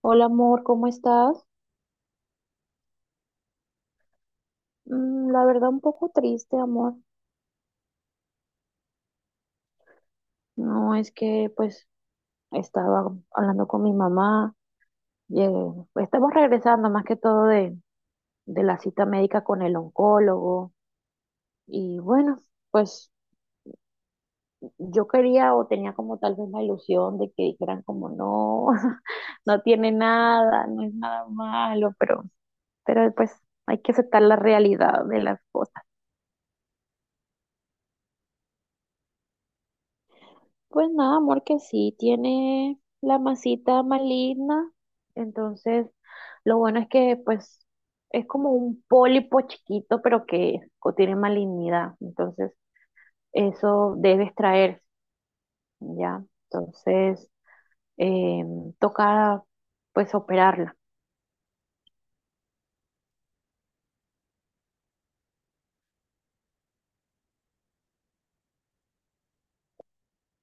Hola amor, ¿cómo estás? Mm, la verdad un poco triste, amor. No, es que pues estaba hablando con mi mamá. eh, pues, estamos regresando más que todo de la cita médica con el oncólogo. Y bueno, pues yo quería o tenía como tal vez la ilusión de que dijeran como no, no tiene nada, no es nada malo, pero pues hay que aceptar la realidad de las cosas. Pues nada, amor, que sí, tiene la masita maligna, entonces lo bueno es que pues es como un pólipo chiquito, pero que contiene malignidad, entonces eso debe extraerse, ¿ya? Entonces eh, toca pues operarla.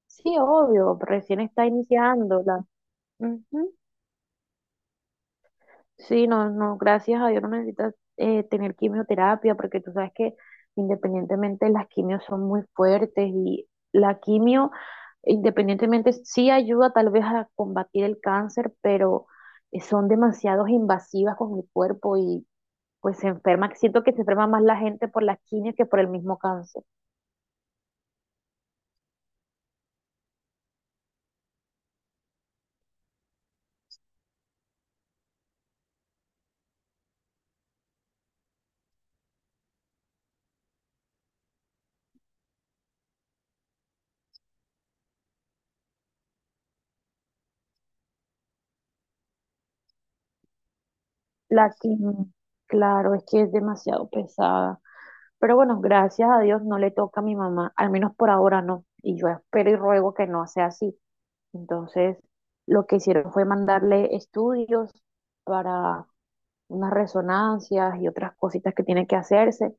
Sí, obvio, recién está iniciando la... Sí, no, no, gracias a Dios no necesitas tener quimioterapia porque tú sabes que independientemente las quimios son muy fuertes y la quimio independientemente sí ayuda tal vez a combatir el cáncer, pero son demasiado invasivas con el cuerpo y pues se enferma, siento que se enferma más la gente por las quimios que por el mismo cáncer. La quimio, claro, es que es demasiado pesada. Pero bueno, gracias a Dios no le toca a mi mamá, al menos por ahora no. Y yo espero y ruego que no sea así. Entonces, lo que hicieron fue mandarle estudios para unas resonancias y otras cositas que tiene que hacerse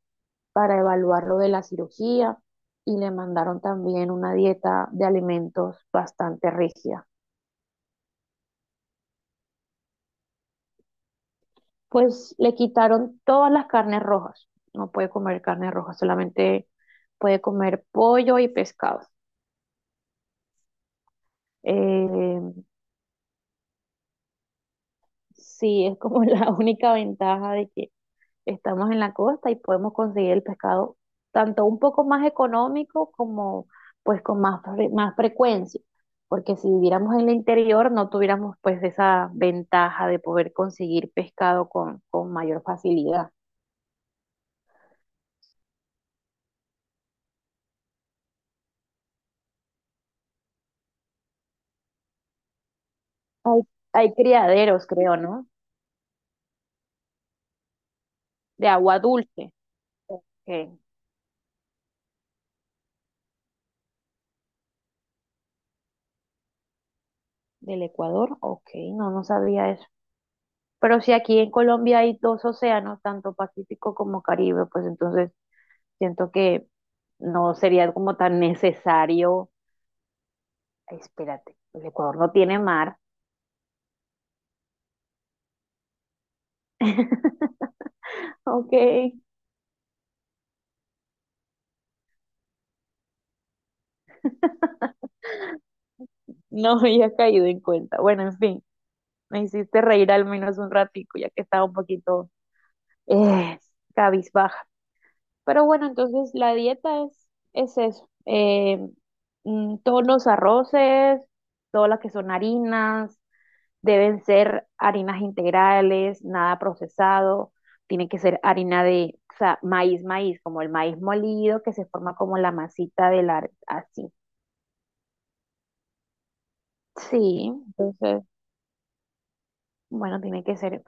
para evaluar lo de la cirugía. Y le mandaron también una dieta de alimentos bastante rígida. Pues le quitaron todas las carnes rojas. No puede comer carne roja, solamente puede comer pollo y pescado. Eh, Sí, es como la única ventaja de que estamos en la costa y podemos conseguir el pescado tanto un poco más económico como pues con más, más frecuencia, porque si viviéramos en el interior no tuviéramos pues esa ventaja de poder conseguir pescado con mayor facilidad. Hay, hay criaderos, creo, ¿no? De agua dulce. Ok. Del Ecuador, ok, no, no sabía eso. Pero si aquí en Colombia hay dos océanos, tanto Pacífico como Caribe, pues entonces siento que no sería como tan necesario. Ay, espérate, el Ecuador no tiene mar. Ok, no había caído en cuenta. Bueno, en fin, me hiciste reír al menos un ratico, ya que estaba un poquito eh, cabizbaja. Pero bueno, entonces la dieta es eso. Mm, todos los arroces, todas las que son harinas, deben ser harinas integrales, nada procesado, tiene que ser harina de, o sea, maíz, maíz, como el maíz molido que se forma como la masita así. Sí, entonces, bueno, tiene que ser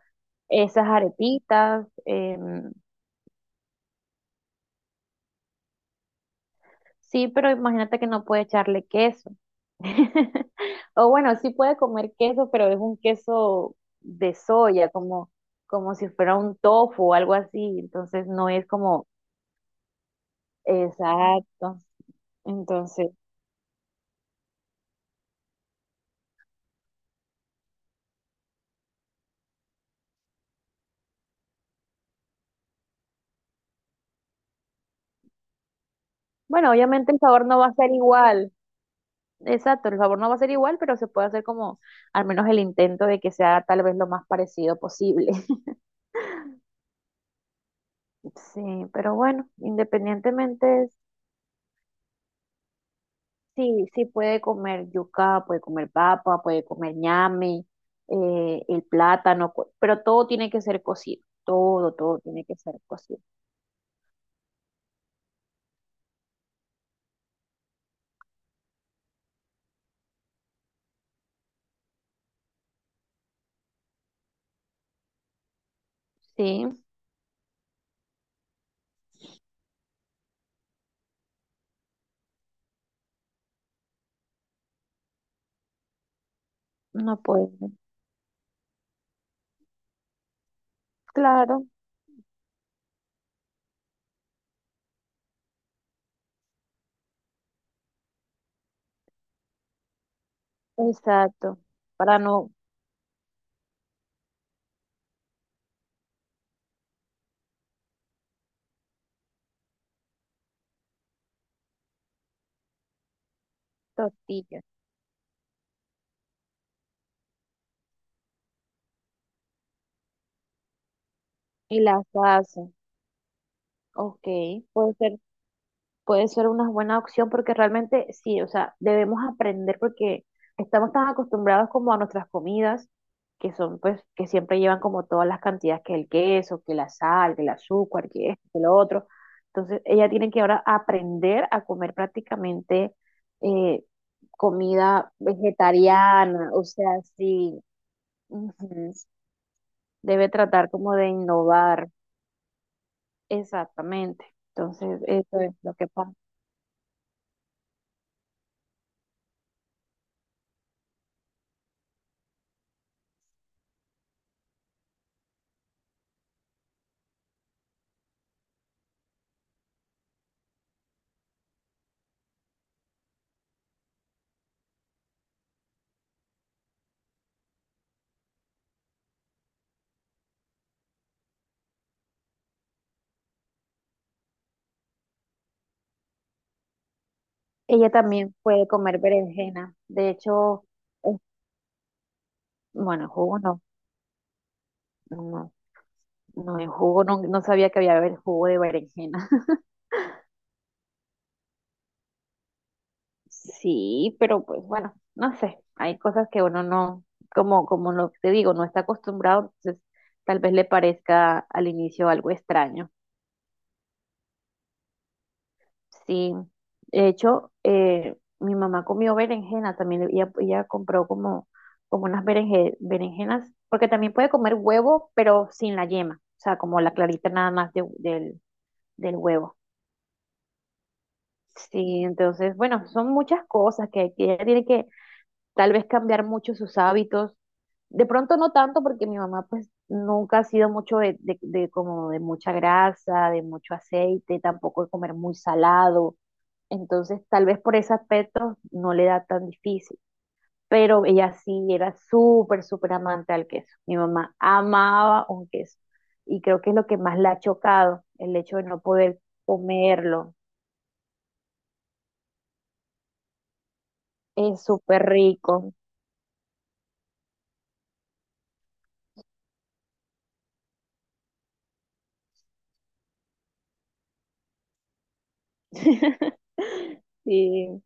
esas arepitas. Sí, pero imagínate que no puede echarle queso. O bueno, sí puede comer queso, pero es un queso de soya, como, como si fuera un tofu o algo así. Entonces no es como exacto. Entonces, bueno, obviamente el sabor no va a ser igual. Exacto, el sabor no va a ser igual, pero se puede hacer como al menos el intento de que sea tal vez lo más parecido posible. Sí, pero bueno, independientemente, sí, sí puede comer yuca, puede comer papa, puede comer ñame, el plátano, pero todo tiene que ser cocido, todo, todo tiene que ser cocido. Sí, no puede. Claro, exacto, para no tortillas. Y la salsa. Ok, puede ser, puede ser una buena opción porque realmente sí, o sea, debemos aprender porque estamos tan acostumbrados como a nuestras comidas, que son pues, que siempre llevan como todas las cantidades, que el queso, que la sal, que el azúcar, que esto, que lo otro. Entonces, ella tiene que ahora aprender a comer prácticamente eh, comida vegetariana, o sea, sí, ujú, debe tratar como de innovar, exactamente. Entonces, eso es lo que pasa. Ella también puede comer berenjena. De hecho, es- bueno, jugo no, no, no en jugo, no, no sabía que había haber jugo de berenjena. Sí, pero pues bueno, no sé, hay cosas que uno no, como, como lo te digo, no está acostumbrado, entonces tal vez le parezca al inicio algo extraño. Sí, de hecho, mi mamá comió berenjena, también ella compró como, como unas berenjenas, porque también puede comer huevo, pero sin la yema, o sea, como la clarita nada más del, del huevo. Sí, entonces, bueno, son muchas cosas que ella tiene que, tal vez cambiar mucho sus hábitos. De pronto no tanto porque mi mamá pues nunca ha sido mucho de como de mucha grasa, de mucho aceite, tampoco de comer muy salado. Entonces tal vez por ese aspecto no le da tan difícil. Pero ella sí era súper, súper amante al queso. Mi mamá amaba un queso. Y creo que es lo que más la ha chocado, el hecho de no poder comerlo. Es súper rico. Sí.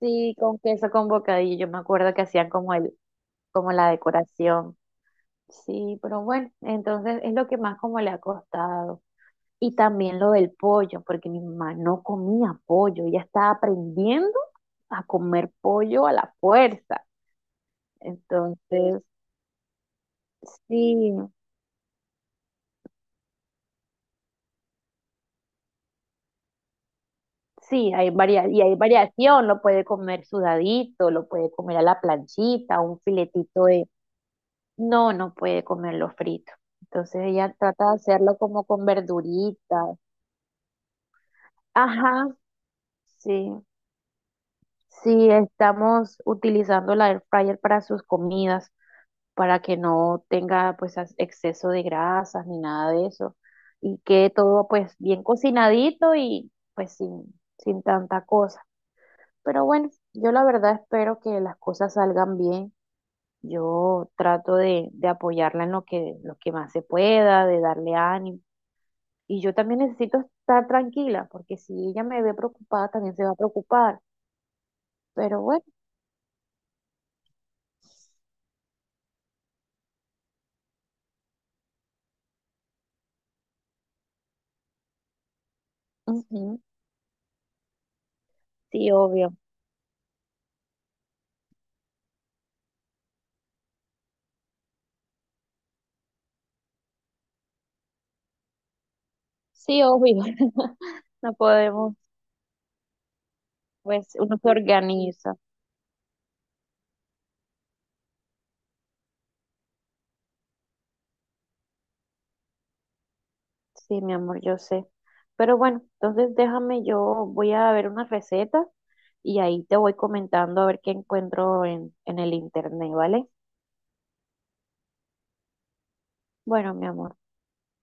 Sí, con queso, con bocadillo. Yo me acuerdo que hacían como como la decoración. Sí, pero bueno, entonces es lo que más como le ha costado. Y también lo del pollo, porque mi mamá no comía pollo, ella estaba aprendiendo a comer pollo a la fuerza. Entonces, sí, sí, hay y hay variación, lo puede comer sudadito, lo puede comer a la planchita, un filetito de, no, no puede comerlo frito. Entonces ella trata de hacerlo como con verduritas. Ajá, sí. Sí, estamos utilizando la air fryer para sus comidas, para que no tenga pues exceso de grasas ni nada de eso. Y quede todo pues bien cocinadito y pues sin tanta cosa. Pero bueno, yo la verdad espero que las cosas salgan bien. Yo trato de apoyarla en lo lo que más se pueda, de darle ánimo. Y yo también necesito estar tranquila, porque si ella me ve preocupada, también se va a preocupar. Pero bueno, ujú, sí, obvio. Sí, obvio. No podemos, pues uno se organiza. Sí, mi amor, yo sé. Pero bueno, entonces déjame, yo voy a ver unas recetas y ahí te voy comentando a ver qué encuentro en el internet, ¿vale? Bueno, mi amor.